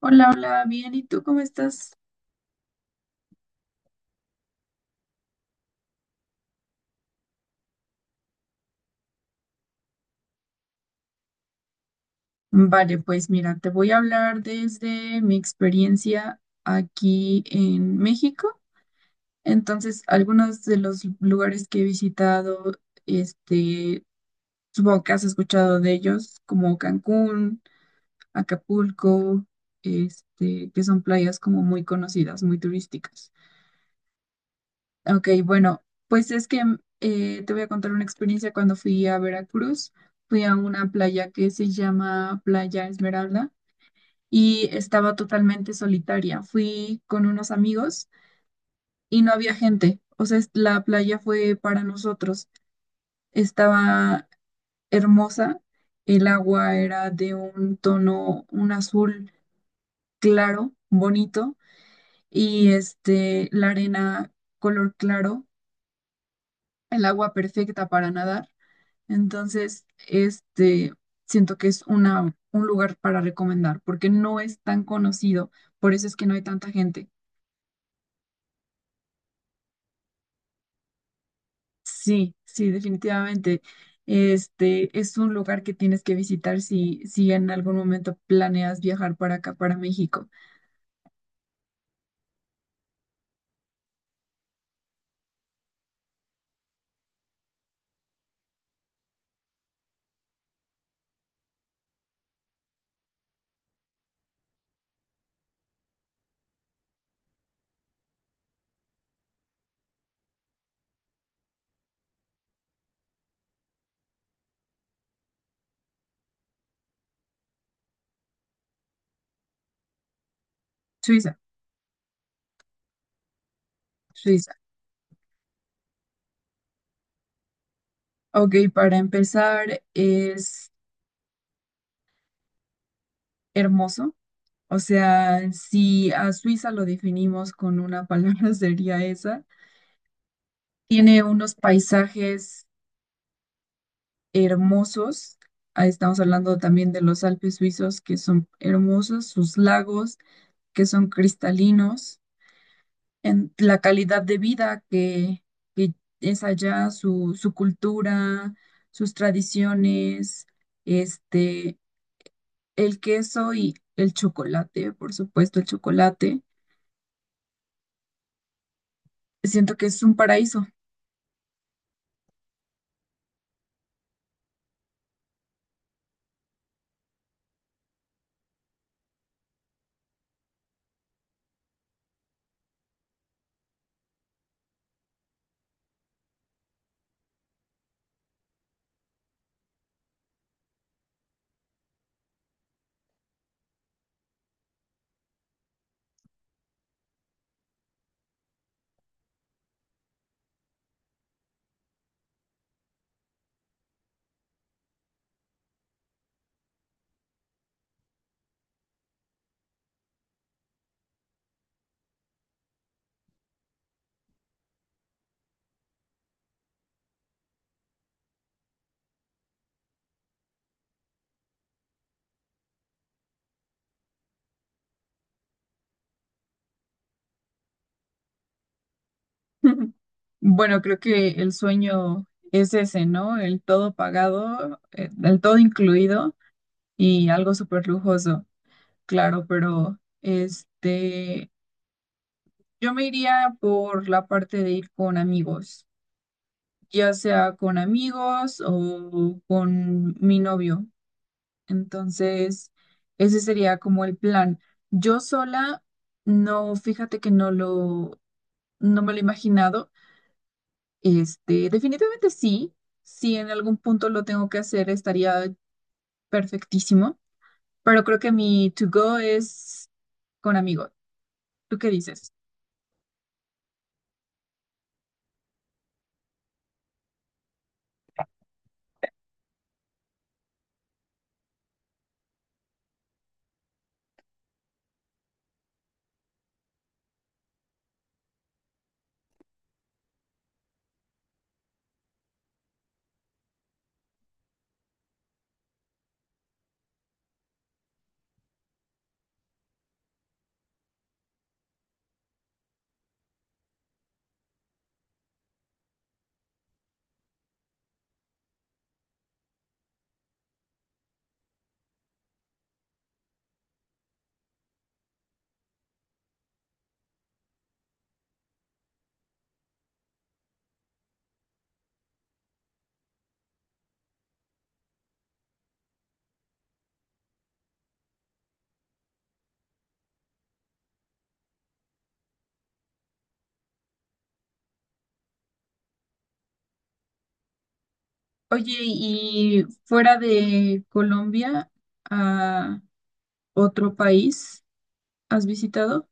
Hola, hola, bien, ¿y tú cómo estás? Vale, pues mira, te voy a hablar desde mi experiencia aquí en México. Entonces, algunos de los lugares que he visitado, este, supongo que has escuchado de ellos, como Cancún, Acapulco, que son playas como muy conocidas, muy turísticas. Ok, bueno, pues es que te voy a contar una experiencia cuando fui a Veracruz. Fui a una playa que se llama Playa Esmeralda y estaba totalmente solitaria. Fui con unos amigos y no había gente. O sea, es- la playa fue para nosotros. Estaba hermosa. El agua era de un tono, un azul claro, bonito, y la arena color claro, el agua perfecta para nadar. Entonces, siento que es una, un lugar para recomendar porque no es tan conocido, por eso es que no hay tanta gente. Sí, sí, definitivamente. Este es un lugar que tienes que visitar si, si en algún momento planeas viajar para acá, para México. Suiza, Suiza. Ok, para empezar, es hermoso. O sea, si a Suiza lo definimos con una palabra, sería esa. Tiene unos paisajes hermosos. Ahí estamos hablando también de los Alpes suizos, que son hermosos, sus lagos, que son cristalinos, en la calidad de vida que es allá, su cultura, sus tradiciones, este, el queso y el chocolate, por supuesto, el chocolate. Siento que es un paraíso. Bueno, creo que el sueño es ese, ¿no? El todo pagado, el todo incluido y algo súper lujoso, claro, pero yo me iría por la parte de ir con amigos, ya sea con amigos o con mi novio. Entonces, ese sería como el plan. Yo sola, no, fíjate que no lo, no me lo he imaginado. Este, definitivamente sí, si en algún punto lo tengo que hacer, estaría perfectísimo, pero creo que mi to go es con amigos. ¿Tú qué dices? Oye, y fuera de Colombia, a otro país, ¿has visitado?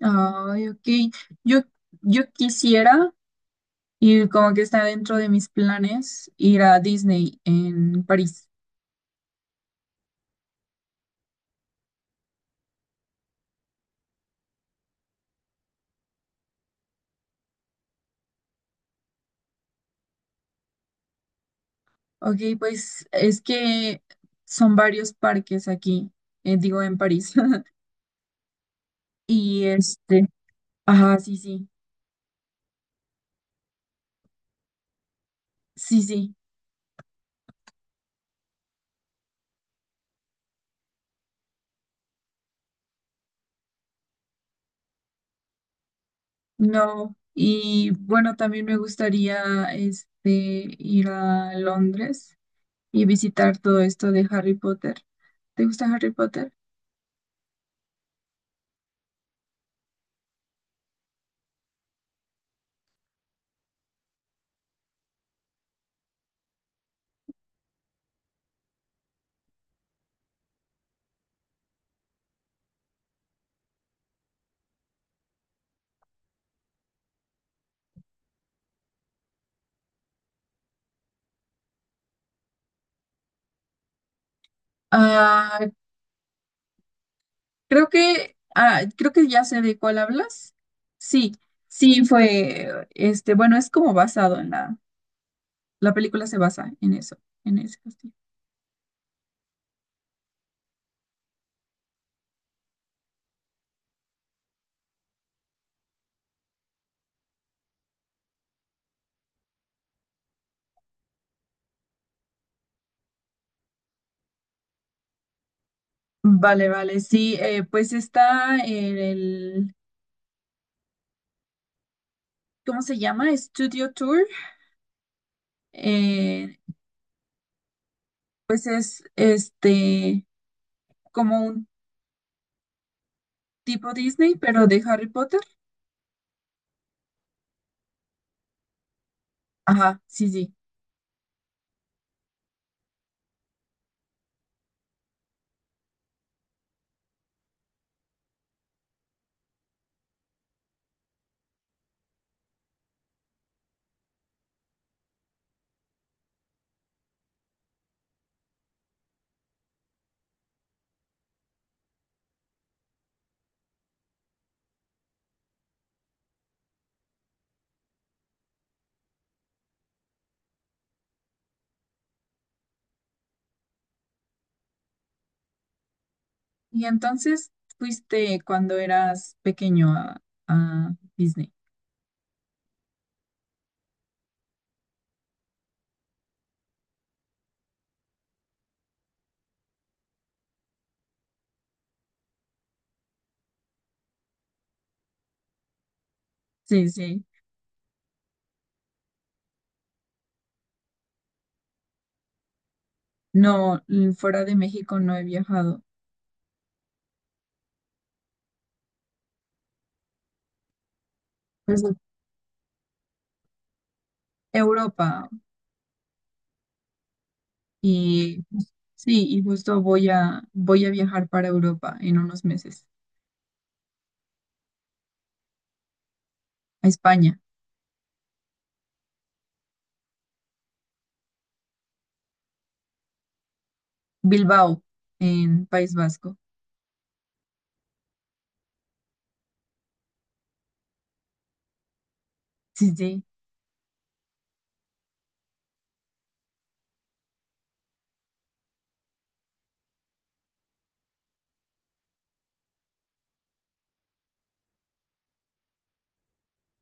Ay, ok. Yo, yo quisiera, y como que está dentro de mis planes, ir a Disney en París. Ok, pues es que son varios parques aquí, digo en París. Y ajá, sí, sí, sí, sí, no. Y bueno, también me gustaría ir a Londres y visitar todo esto de Harry Potter. ¿Te gusta Harry Potter? Ah, creo que creo que ya sé de cuál hablas. Sí, sí fue bueno, es como basado en la película se basa en eso, en ese castillo. Vale, vale, sí, pues está en el ¿cómo se llama? Studio Tour. Eh, pues es este como un tipo Disney, pero de Harry Potter. Ajá, sí, sí. Y entonces fuiste cuando eras pequeño a Disney. Sí, sí. No, l- fuera de México no he viajado. Pues a Europa y jus- sí, y justo voy a voy a viajar para Europa en unos meses, a España, Bilbao, en País Vasco. Sí, sí.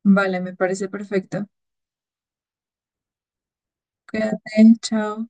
Vale, me parece perfecto. Cuídate, chao.